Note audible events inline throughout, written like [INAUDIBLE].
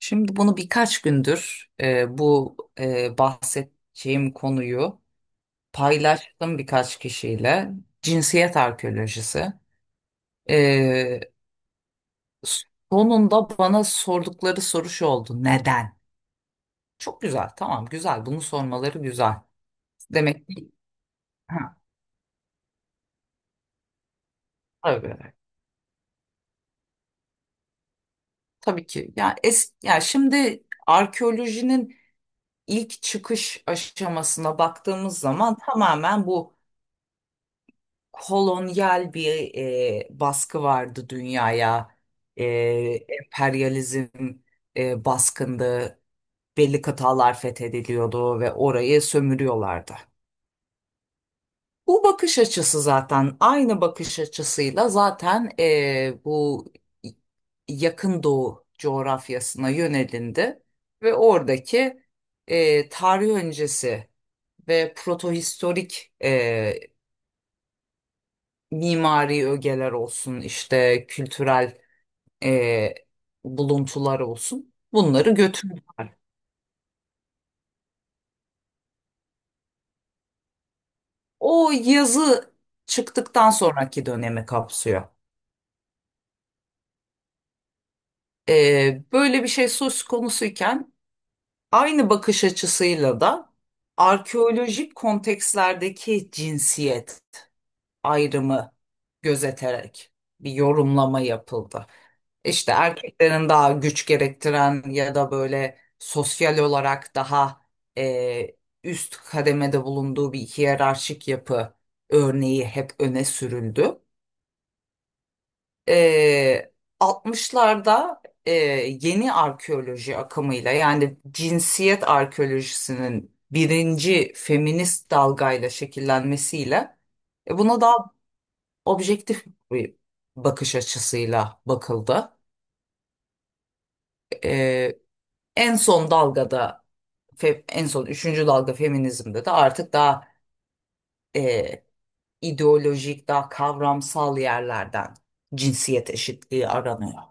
Şimdi bunu birkaç gündür bu bahsedeceğim konuyu paylaştım birkaç kişiyle. Cinsiyet arkeolojisi. E, Sonunda bana sordukları soru şu oldu. Neden? Çok güzel, tamam güzel. Bunu sormaları güzel. Demek ki ha, tabii, tabii ki. Ya ya şimdi arkeolojinin ilk çıkış aşamasına baktığımız zaman tamamen bu kolonyal bir baskı vardı dünyaya. E, Emperyalizm baskındı. Belli kıtalar fethediliyordu ve orayı sömürüyorlardı. Bu bakış açısı zaten aynı bakış açısıyla zaten bu yakın doğu coğrafyasına yönelindi ve oradaki tarih öncesi ve protohistorik mimari ögeler olsun, işte kültürel e, buluntular olsun. Bunları götürdüler. O yazı çıktıktan sonraki dönemi kapsıyor. Böyle bir şey söz konusuyken aynı bakış açısıyla da arkeolojik kontekstlerdeki cinsiyet ayrımı gözeterek bir yorumlama yapıldı. İşte erkeklerin daha güç gerektiren ya da böyle sosyal olarak daha e, üst kademede bulunduğu bir hiyerarşik yapı örneği hep öne sürüldü. E, 60'larda e, yeni arkeoloji akımıyla yani cinsiyet arkeolojisinin birinci feminist dalgayla şekillenmesiyle buna daha objektif bir bakış açısıyla bakıldı. Ee, En son dalgada, en son üçüncü dalga feminizmde de artık daha e, ideolojik, daha kavramsal yerlerden cinsiyet eşitliği aranıyor.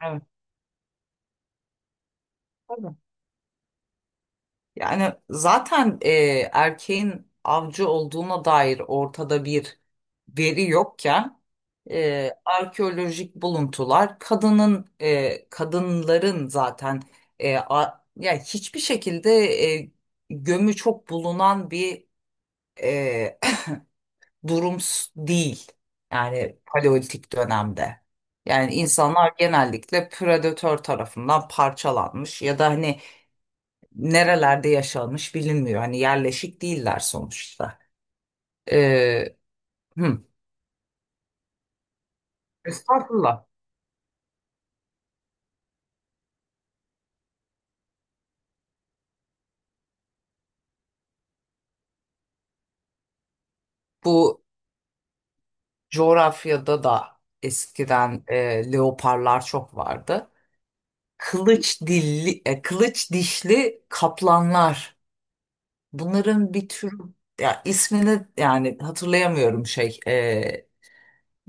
Evet. Yani zaten erkeğin avcı olduğuna dair ortada bir veri yokken arkeolojik buluntular kadınların zaten yani hiçbir şekilde e, gömü çok bulunan bir e, [CLEARS THROAT] durum değil. Yani paleolitik dönemde. Yani insanlar genellikle predatör tarafından parçalanmış ya da hani nerelerde yaşanmış bilinmiyor. Hani yerleşik değiller sonuçta. Ee, hı. Estağfurullah. Bu coğrafyada da eskiden leoparlar çok vardı. Kılıç dişli kaplanlar. Bunların bir tür ya ismini yani hatırlayamıyorum şey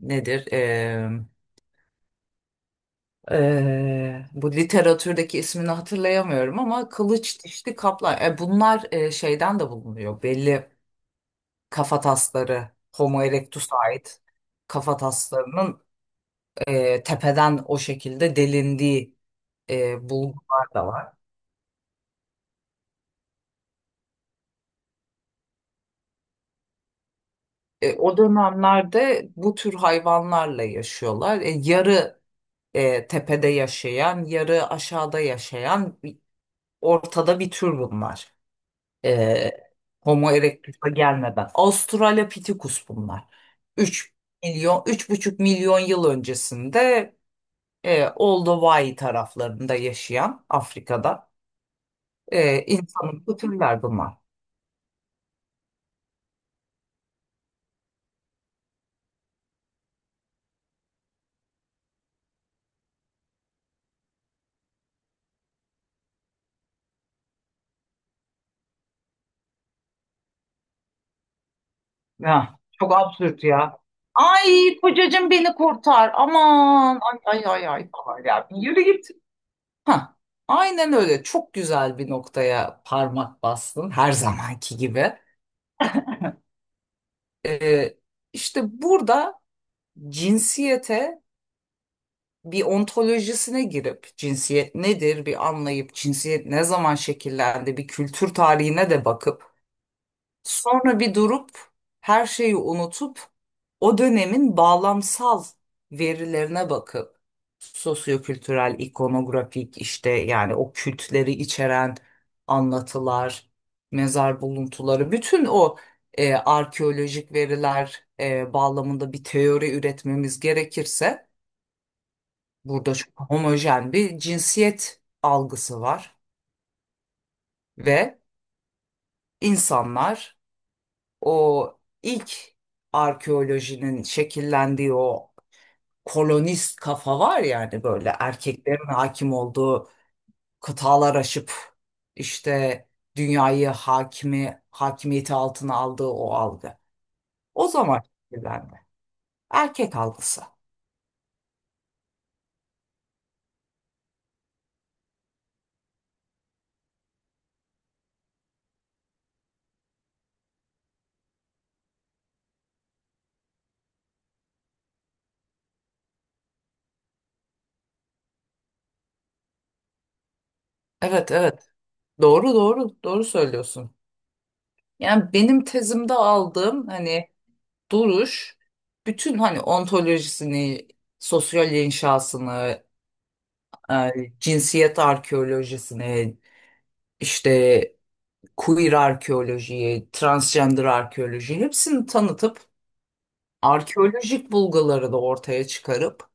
nedir? Bu literatürdeki ismini hatırlayamıyorum ama kılıç dişli kaplan. Bunlar şeyden de bulunuyor. Belli kafatasları, Homo erectus'a ait kafataslarının tepeden o şekilde delindiği bulgular da var. O dönemlerde bu tür hayvanlarla yaşıyorlar. Yarı tepede yaşayan, yarı aşağıda yaşayan ortada bir tür bunlar. E, Homo erectus'a gelmeden. Australopithecus bunlar. 3 milyon, 3,5 milyon yıl öncesinde Old Hawaii taraflarında yaşayan Afrika'da insanlıklı türler bunlar. Ya, çok absürt ya. Ay kocacığım beni kurtar. Aman ay ay ay ay falan ya. Bir yürü git. Ha, aynen öyle. Çok güzel bir noktaya parmak bastın her zamanki gibi. E, işte burada cinsiyete bir ontolojisine girip cinsiyet nedir bir anlayıp cinsiyet ne zaman şekillendi bir kültür tarihine de bakıp sonra bir durup her şeyi unutup o dönemin bağlamsal verilerine bakıp sosyo-kültürel, ikonografik işte yani o kültleri içeren anlatılar, mezar buluntuları, bütün o arkeolojik veriler bağlamında bir teori üretmemiz gerekirse burada çok homojen bir cinsiyet algısı var ve insanlar o ilk arkeolojinin şekillendiği o kolonist kafa var yani böyle erkeklerin hakim olduğu kıtalar aşıp işte dünyayı hakimiyeti altına aldığı o algı. O zaman şekillendi. Erkek algısı. Evet, evet. Doğru, doğru, doğru söylüyorsun. Yani benim tezimde aldığım hani duruş bütün hani ontolojisini, sosyal inşasını, e, cinsiyet arkeolojisine, işte queer arkeolojiyi, transgender arkeolojiyi hepsini tanıtıp arkeolojik bulguları da ortaya çıkarıp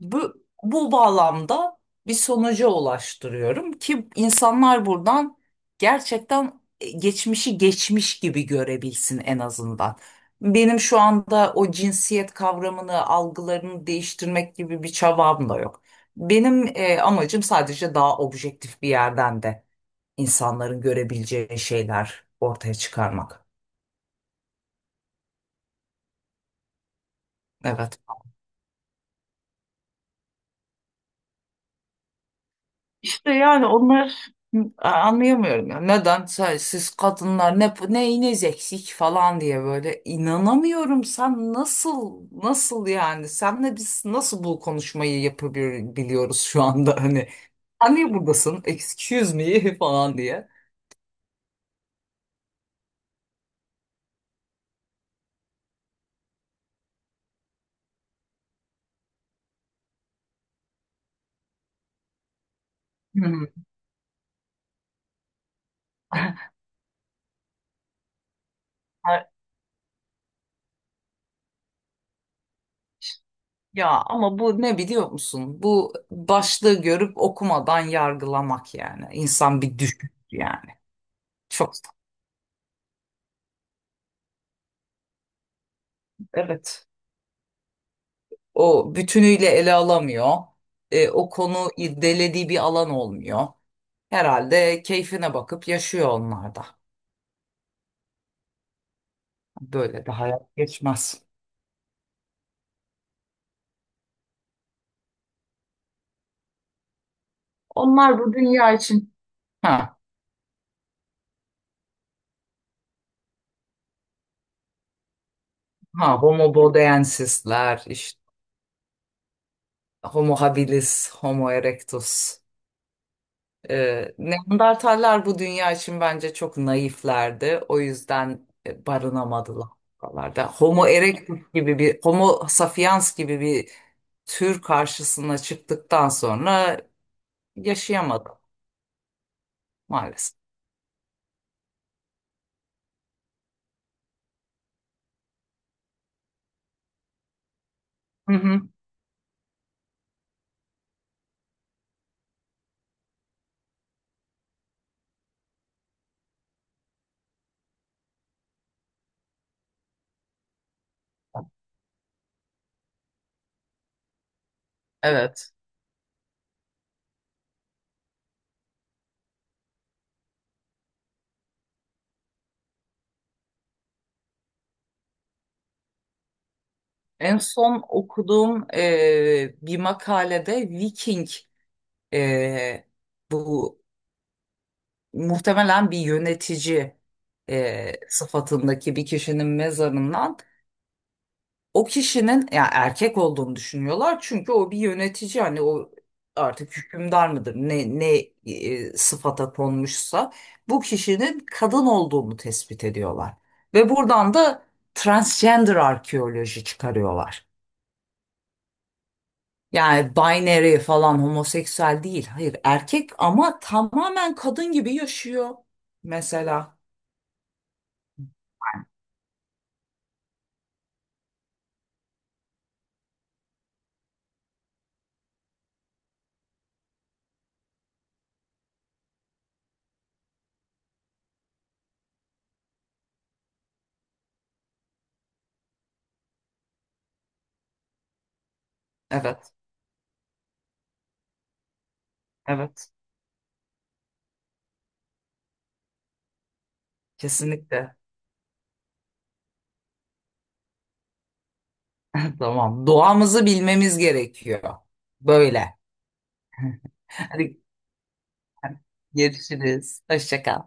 bu bağlamda bir sonuca ulaştırıyorum ki insanlar buradan gerçekten geçmişi geçmiş gibi görebilsin en azından. Benim şu anda o cinsiyet kavramını, algılarını değiştirmek gibi bir çabam da yok. Benim amacım sadece daha objektif bir yerden de insanların görebileceği şeyler ortaya çıkarmak. Evet. İşte yani onlar anlayamıyorum ya. Neden siz kadınlar neyiniz eksik falan diye böyle inanamıyorum. Sen nasıl nasıl yani? Senle biz nasıl bu konuşmayı yapabiliyoruz şu anda hani? Sen niye buradasın? Excuse me [LAUGHS] falan diye. Hmm. Ha, ya ama bu ne biliyor musun? Bu başlığı görüp okumadan yargılamak yani. İnsan bir düşün yani. Çok, evet. O bütünüyle ele alamıyor. O konu irdelediği bir alan olmuyor. Herhalde keyfine bakıp yaşıyor onlar da. Böyle de hayat geçmez. Onlar bu dünya için. Ha, ha Homo bodensisler, işte homo habilis, homo erectus. Neandertaller bu dünya için bence çok naiflerdi. O yüzden barınamadılar buralarda. Homo erectus gibi bir, homo sapiens gibi bir tür karşısına çıktıktan sonra yaşayamadım maalesef. Hı hı, evet. En son okuduğum bir makalede Viking e, bu muhtemelen bir yönetici sıfatındaki bir kişinin mezarından o kişinin ya erkek olduğunu düşünüyorlar çünkü o bir yönetici hani o artık hükümdar mıdır ne ne sıfata konmuşsa bu kişinin kadın olduğunu tespit ediyorlar ve buradan da transgender arkeoloji çıkarıyorlar. Yani binary falan homoseksüel değil. Hayır erkek ama tamamen kadın gibi yaşıyor mesela. Evet, evet. Kesinlikle. [LAUGHS] Tamam. Doğamızı bilmemiz gerekiyor. Böyle. [LAUGHS] Görüşürüz. Hoşça kal.